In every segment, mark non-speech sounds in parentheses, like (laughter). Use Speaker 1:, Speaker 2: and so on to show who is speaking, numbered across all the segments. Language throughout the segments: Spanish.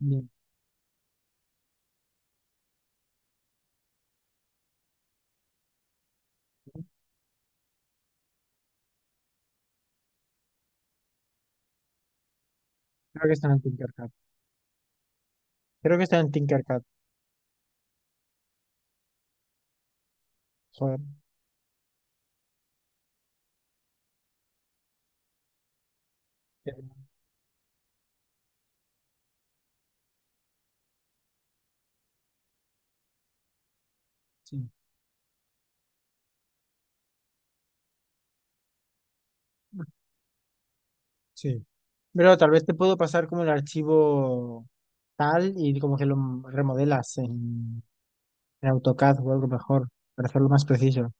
Speaker 1: Bien. Creo que está en Tinkercad. Creo que está en Tinkercad. Joder. Pero. Sí. Sí. Pero tal vez te puedo pasar como el archivo tal y como que lo remodelas en AutoCAD o algo mejor para hacerlo más preciso.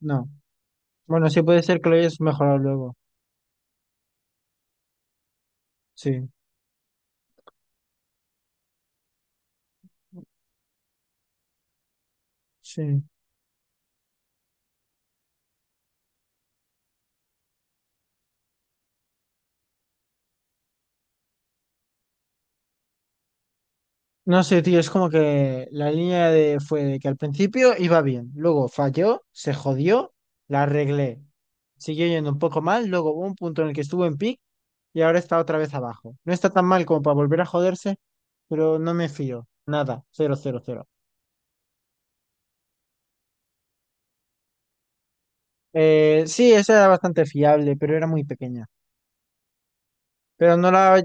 Speaker 1: No. Bueno, sí puede ser que lo hayas mejorado luego. Sí. Sí. No sé, tío, es como que la línea de fue de que al principio iba bien, luego falló, se jodió, la arreglé. Siguió yendo un poco mal, luego hubo un punto en el que estuvo en pic y ahora está otra vez abajo. No está tan mal como para volver a joderse, pero no me fío. Nada, cero, cero, cero. Sí, esa era bastante fiable, pero era muy pequeña. Pero no la…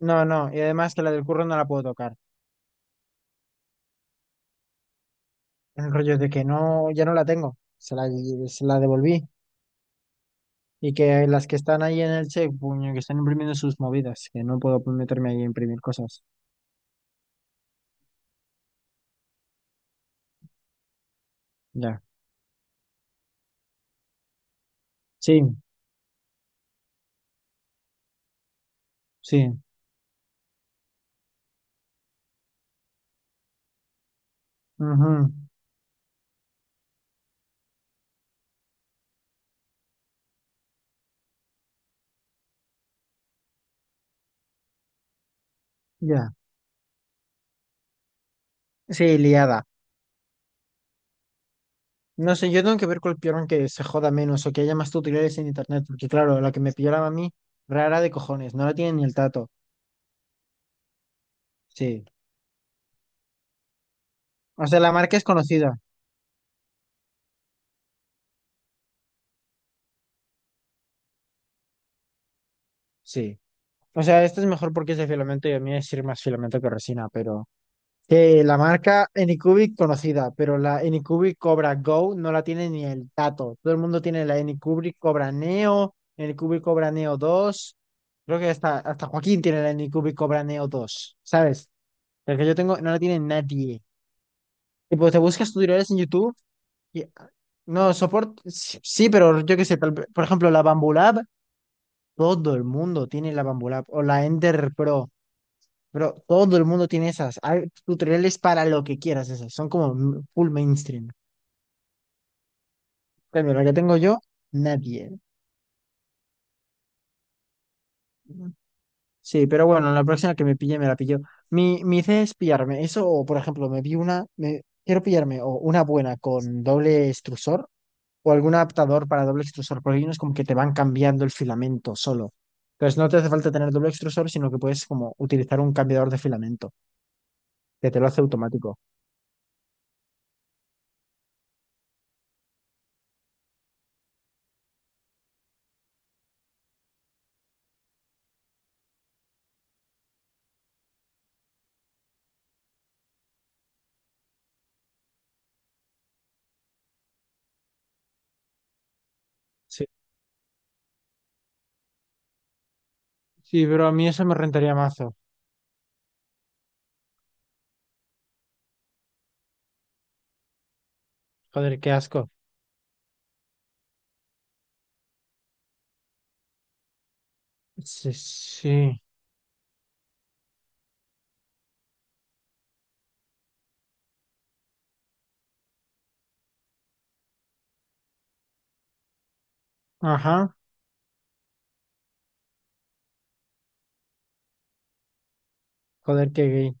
Speaker 1: No, no, y además que la del curro no la puedo tocar. El rollo es de que no, ya no la tengo. Se la devolví. Y que las que están ahí en el CEP, puño, que están imprimiendo sus movidas, que no puedo meterme ahí a imprimir cosas. Ya. Sí, sí. Ujú. Ya. Sí, liada. No sé, yo tengo que ver cuál pillaron que se joda menos o que haya más tutoriales en internet, porque claro, la que me pillaron a mí, rara de cojones, no la tiene ni el tato. Sí. O sea, la marca es conocida. Sí. O sea, esta es mejor porque es de filamento y a mí es ir más filamento que resina, pero. Que la marca Anycubic conocida, pero la Anycubic Cobra Go no la tiene ni el tato. Todo el mundo tiene la Anycubic Cobra Neo, Anycubic Cobra Neo dos. Creo que hasta Joaquín tiene la Anycubic Cobra Neo 2, ¿sabes? El que yo tengo no la tiene nadie. Y pues te buscas tutoriales en YouTube y no, soporte, sí, sí, pero yo qué sé, tal- por ejemplo, la Bambulab, todo el mundo tiene la Bambulab o la Ender Pro. Pero todo el mundo tiene esas. Hay tutoriales para lo que quieras, esas. Son como m- full mainstream. Pero la que tengo yo, nadie. Sí, pero bueno, la próxima que me pille, me la pillo. Mi idea es pillarme eso, o por ejemplo, me vi una, me, quiero pillarme o una buena con doble extrusor o algún adaptador para doble extrusor, porque hay unos como que te van cambiando el filamento solo. Entonces no te hace falta tener doble extrusor, sino que puedes como utilizar un cambiador de filamento, que te lo hace automático. Sí, sí, pero a mí eso me rentaría mazo. Joder, qué asco. Sí, sí. Ajá. Joder, qué gay.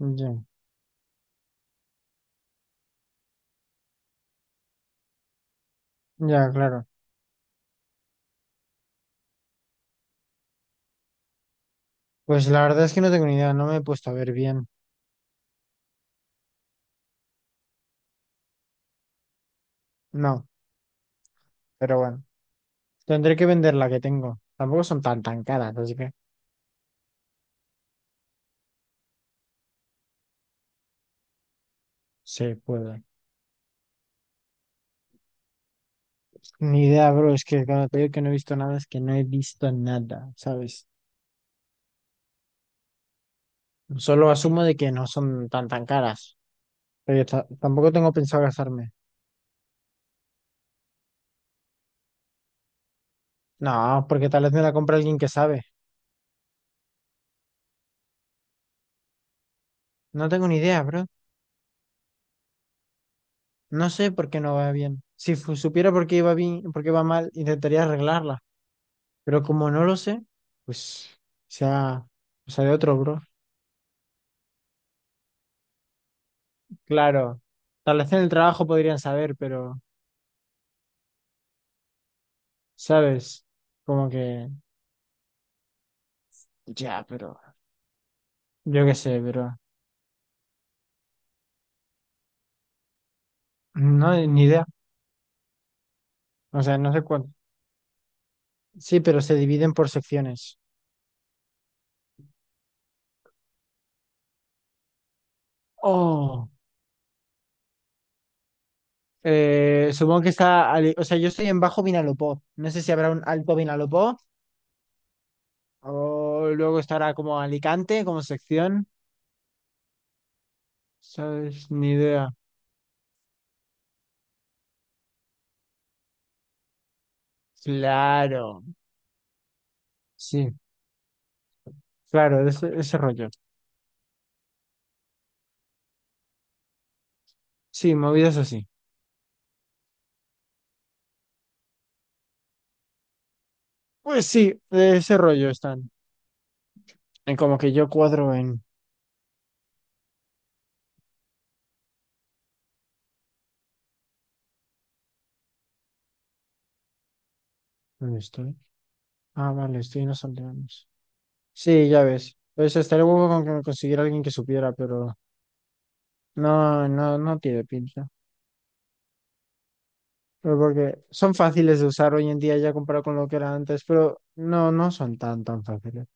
Speaker 1: Ya, ya, claro. Pues la verdad es que no tengo ni idea, no me he puesto a ver bien. No, pero bueno. Tendré que vender la que tengo. Tampoco son tan tan caras, así que se puede. Ni idea, bro. Es que cuando te digo que no he visto nada, es que no he visto nada, ¿sabes? Solo asumo de que no son tan tan caras. Pero yo ta- tampoco tengo pensado gastarme. No, porque tal vez me la compra alguien que sabe. No tengo ni idea, bro. No sé por qué no va bien. Si fu- supiera por qué iba bien, por qué va mal, intentaría arreglarla. Pero como no lo sé, pues sea, o sea de otro, bro. Claro, tal vez en el trabajo podrían saber, pero, ¿sabes? Como que, ya, pero, yo qué sé, pero, no, ni idea. O sea, no sé cuánto. Sí, pero se dividen por secciones. Oh, supongo que está, ali- o sea, yo estoy en Bajo Vinalopó. No sé si habrá un Alto Vinalopó o luego estará como Alicante como sección. ¿Sabes? Ni idea. Claro. Sí, claro, de ese rollo. Sí, movidas así. Pues sí, de ese rollo están. En como que yo cuadro en… ¿Dónde estoy? Ah, vale, estoy en los aldeanos. Sí, ya ves. Pues estaría huevo con que me consiguiera alguien que supiera, pero no, no, no tiene pinta. Pero porque son fáciles de usar hoy en día ya comparado con lo que era antes, pero no, no son tan, tan fáciles.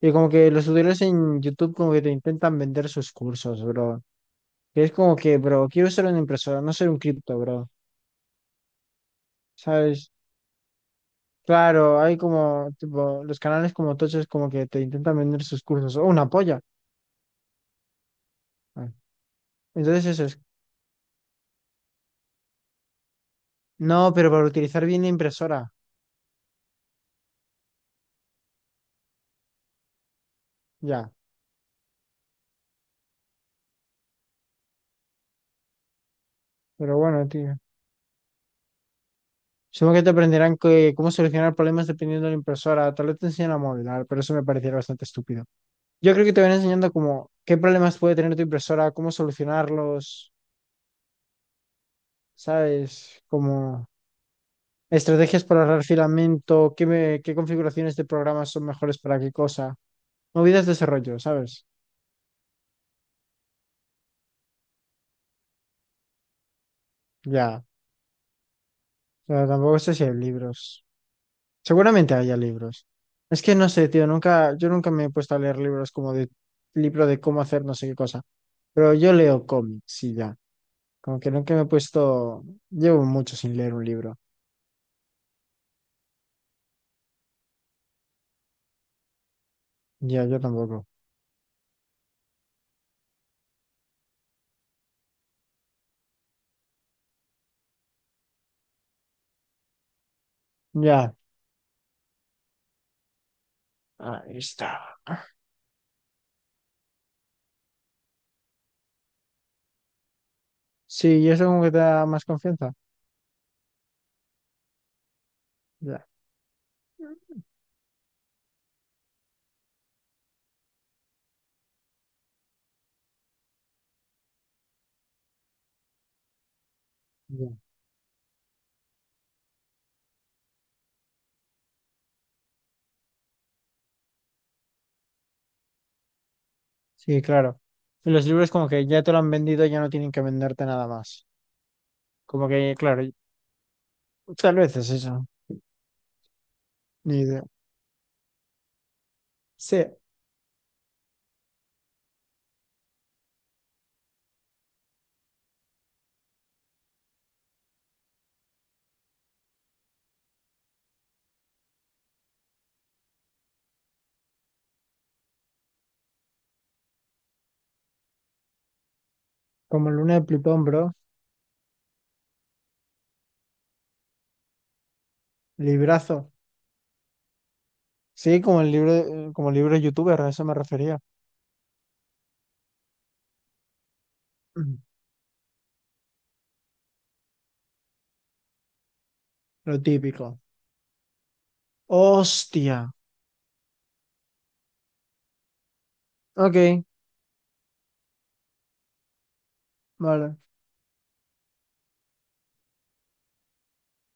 Speaker 1: Y como que los tutoriales en YouTube como que te intentan vender sus cursos, bro. Y es como que, bro, quiero ser una impresora, no ser un cripto, bro. ¿Sabes? Claro, hay como, tipo, los canales como tochos como que te intentan vender sus cursos. ¡Oh, una polla! Ah. Entonces eso es. No, pero para utilizar bien la impresora. Ya. Pero bueno, tío. Supongo que te aprenderán que- cómo solucionar problemas dependiendo de la impresora. Tal vez te enseñan a modelar, pero eso me pareciera bastante estúpido. Yo creo que te van enseñando como qué problemas puede tener tu impresora, cómo solucionarlos, ¿sabes? Como… Estrategias para ahorrar filamento, qué, me- qué configuraciones de programas son mejores para qué cosa. Movidas de desarrollo, ¿sabes? Ya. O sea, tampoco sé si hay libros. Seguramente haya libros. Es que no sé, tío, nunca, yo nunca me he puesto a leer libros como de libro de cómo hacer no sé qué cosa. Pero yo leo cómics y ya. Como que nunca me he puesto. Llevo mucho sin leer un libro. Ya, yo tampoco. Ya. Ahí está. Sí, y eso como que te da más confianza. Ya. Ya. Sí, claro. Y los libros como que ya te lo han vendido, ya no tienen que venderte nada más. Como que, claro, tal vez es eso. Ni idea. Sí, como Luna de Plutón, bro. Librazo. Sí, como el libro youtuber, a eso me refería. (clears throat) Mm. Lo típico. Hostia. Ok, vale.